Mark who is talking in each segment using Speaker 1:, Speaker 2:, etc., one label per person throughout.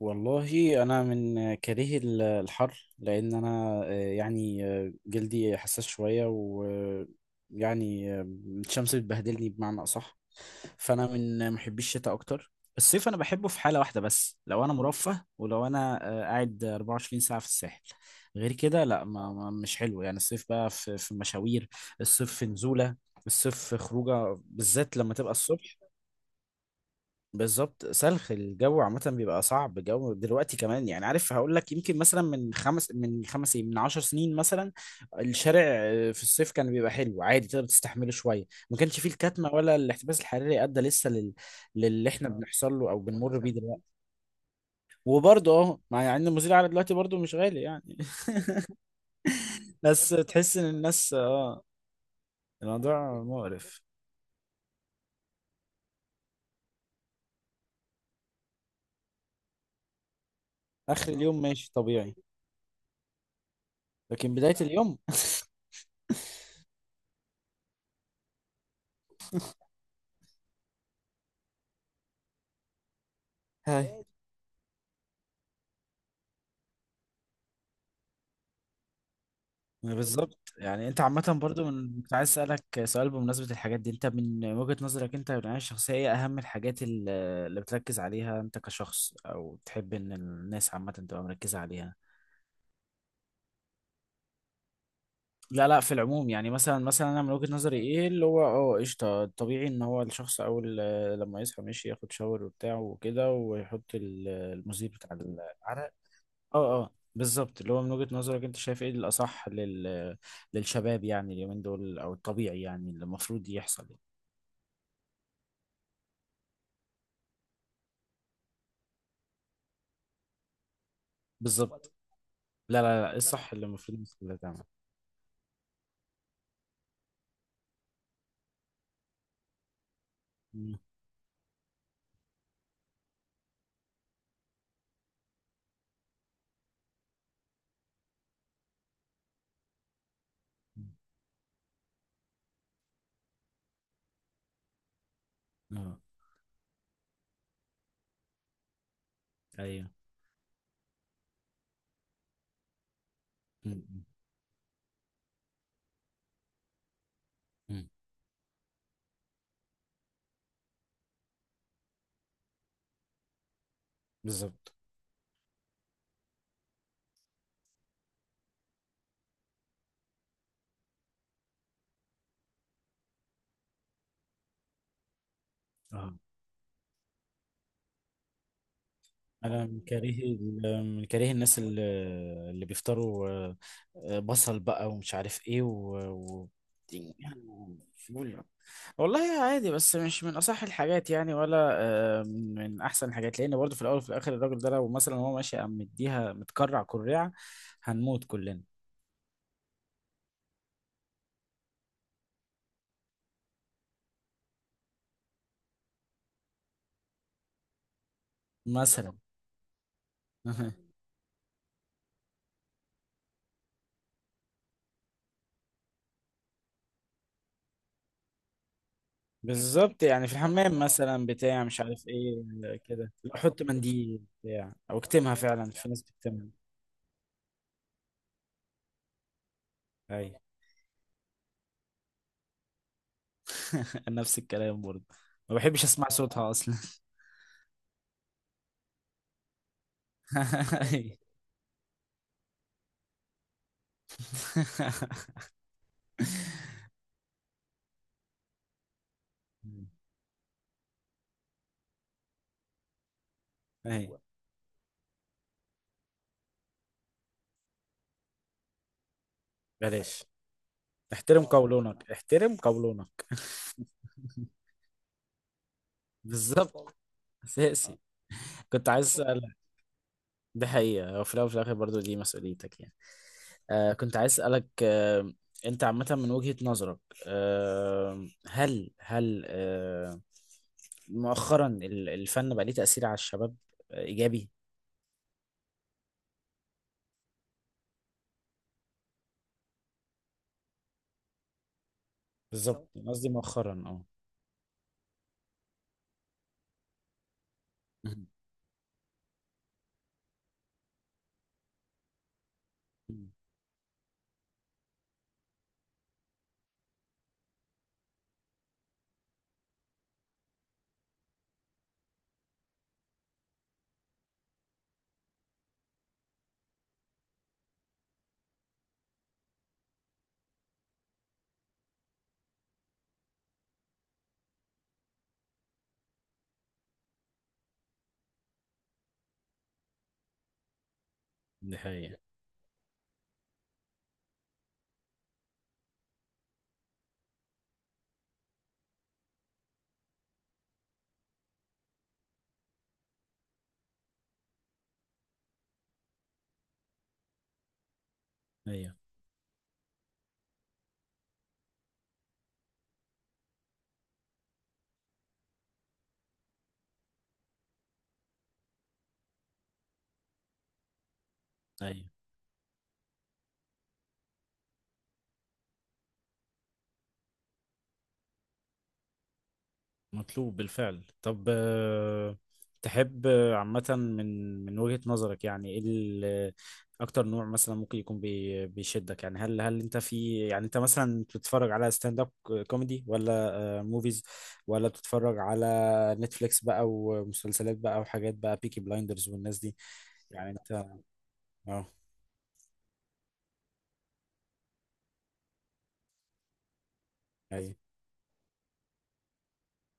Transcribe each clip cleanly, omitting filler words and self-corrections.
Speaker 1: والله انا من كارهي الحر لان انا يعني جلدي حساس شويه ويعني الشمس بتبهدلني بمعنى اصح. فانا من محبي الشتاء اكتر. الصيف انا بحبه في حاله واحده بس لو انا مرفه ولو انا قاعد 24 ساعه في الساحل. غير كده لا، مش حلو يعني الصيف بقى في مشاوير. الصيف في نزوله، الصيف في خروجه بالذات لما تبقى الصبح. بالظبط، سلخ الجو عامة بيبقى صعب. جو دلوقتي كمان يعني، عارف هقول لك، يمكن مثلا من خمس من خمس إيه، من عشر سنين مثلا، الشارع في الصيف كان بيبقى حلو عادي تقدر تستحمله شوية. ما كانش فيه الكتمة ولا الاحتباس الحراري أدى لسه للي احنا بنحصل له أو بنمر بيه دلوقتي. وبرضه مع إن المزيل على دلوقتي برضه مش غالي يعني. بس تحس إن الناس اه الموضوع مقرف. آخر اليوم ماشي طبيعي، لكن بداية اليوم. بالظبط. يعني انت عامة برضو، من كنت عايز اسألك سؤال بمناسبة الحاجات دي، انت من وجهة نظرك انت من العناية الشخصية، ايه اهم الحاجات اللي بتركز عليها انت كشخص، او تحب ان الناس عامة تبقى مركزة عليها؟ لا لا، في العموم يعني مثلا انا من وجهة نظري ايه اللي هو، قشطة، طبيعي ان هو الشخص اول لما يصحى ماشي ياخد شاور وبتاع وكده ويحط المذيب بتاع عارف. اه، اه بالظبط، اللي هو من وجهة نظرك انت شايف ايه الاصح للشباب يعني اليومين دول، او الطبيعي يعني اللي المفروض يحصل يعني. بالظبط. لا لا لا، ايه الصح اللي المفروض الناس كلها تعمل. مم. مم. اه. ايوه. مم. مم. بالظبط. اه. انا من كاره الناس اللي بيفطروا بصل بقى ومش عارف ايه، يعني فول. والله عادي، بس مش من اصح الحاجات يعني ولا من احسن الحاجات، لان برضه في الاول وفي الاخر الراجل ده لو مثلا هو ماشي قام مديها متكرع كريعه هنموت كلنا. مثلا. بالظبط، يعني في الحمام مثلا بتاع مش عارف ايه، كده لو احط منديل بتاع او اكتمها، فعلا في ناس بتكتمها. اي. نفس الكلام برضه، ما بحبش اسمع صوتها اصلا. أي. أي. بلاش. احترم قولونك، احترم قولونك. بالظبط. اساسي. كنت عايز اسالك، دي حقيقه هو في الاول وفي الاخر برضه دي مسؤوليتك يعني. كنت عايز اسالك، انت عامه من وجهه نظرك، هل مؤخرا الفن بقى ليه تاثير على الشباب ايجابي؟ بالظبط قصدي مؤخرا. اه مم. دي حقيقة. أيوة. أيوة، مطلوب بالفعل. طب تحب عامة، من وجهة نظرك يعني إيه أكتر نوع مثلا ممكن يكون بيشدك، يعني هل أنت في، يعني أنت مثلا بتتفرج على ستاند أب كوميدي، ولا موفيز، ولا بتتفرج على نتفليكس بقى ومسلسلات بقى وحاجات بقى بيكي بلايندرز والناس دي؟ يعني أنت؟ أه. أيوة.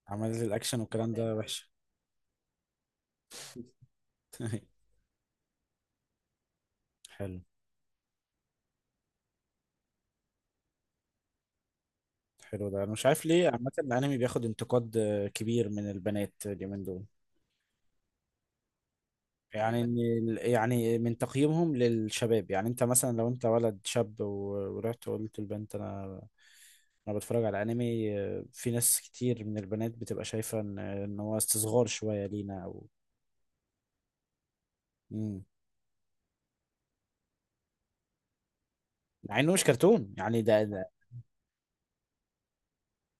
Speaker 1: عمل الأكشن والكلام ده وحش. حلو. حلو، ده انا مش عارف ليه عامه الانمي بياخد انتقاد كبير من البنات اليومين دول. يعني إن يعني من تقييمهم للشباب، يعني انت مثلا لو انت ولد شاب ورحت وقلت للبنت انا بتفرج على انمي، في ناس كتير من البنات بتبقى شايفه ان هو استصغار شويه لينا او. امم مع انه مش كرتون يعني ده.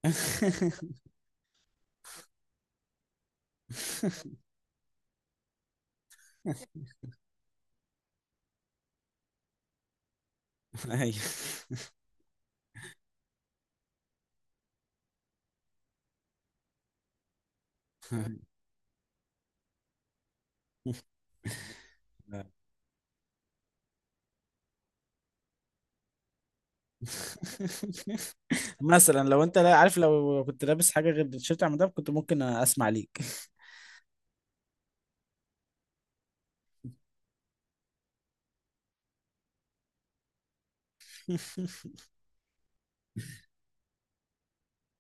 Speaker 1: ايوه. مثلا لو انت، لا عارف، لو كنت لابس حاجه غير التيشيرت عم ده كنت ممكن اسمع ليك.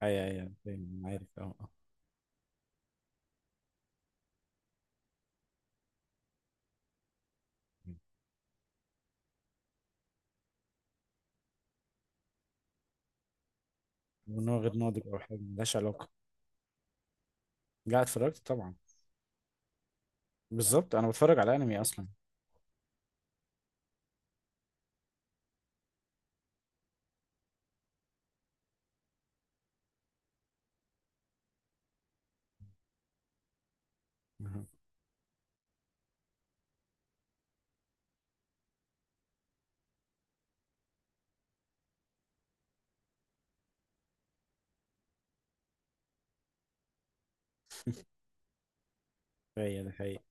Speaker 1: اي اي، أنا فاهم، أنا عارف. اه اه. من هو غير ناضج، او حاجه ملهاش علاقه. لا، اتفرجت طبعا. بالظبط انا بتفرج على انمي اصلا. هي ده حقيقي،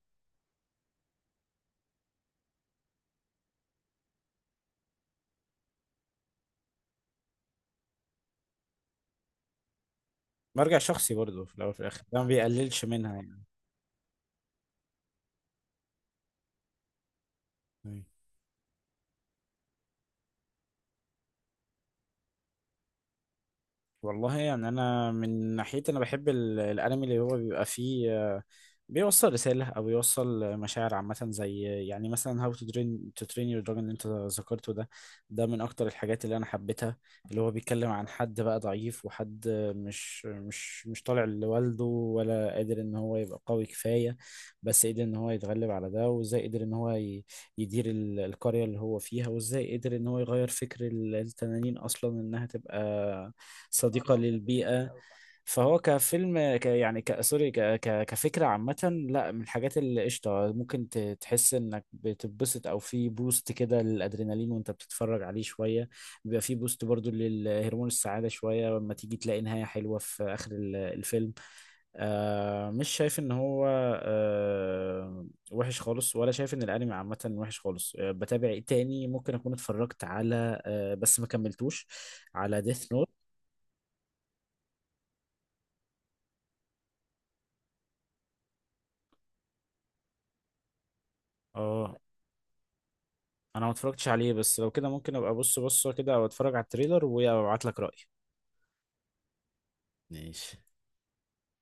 Speaker 1: مرجع شخصي برضه، في الاول وفي الاخر ده ما بيقللش منها يعني. والله يعني، انا من ناحيتي انا بحب الانمي اللي هو بيبقى فيه، بيوصل رسالة او بيوصل مشاعر عامة، زي يعني مثلا How to Train to Train Your Dragon اللي انت ذكرته ده. ده من اكتر الحاجات اللي انا حبيتها. اللي هو بيتكلم عن حد بقى ضعيف، وحد مش طالع لوالده ولا قادر ان هو يبقى قوي كفاية. بس قدر ان هو يتغلب على ده، وازاي قدر ان هو يدير القرية اللي هو فيها، وازاي قدر ان هو يغير فكر التنانين اصلا انها تبقى صديقة للبيئة. فهو كفيلم، يعني سوري، ك ك كفكرة عامة، لا من الحاجات اللي قشطة ممكن تحس انك بتتبسط، او في بوست كده للادرينالين وانت بتتفرج عليه شوية. بيبقى في بوست برضو للهرمون السعادة شوية لما تيجي تلاقي نهاية حلوة في اخر الفيلم. مش شايف ان هو وحش خالص، ولا شايف ان الانمي عامة وحش خالص. بتابع إيه تاني ممكن اكون اتفرجت على، بس ما كملتوش، على ديث. اه، انا ما اتفرجتش عليه، بس لو كده ممكن ابقى ابص بصه كده او اتفرج على التريلر وابعت لك رأيي. ماشي.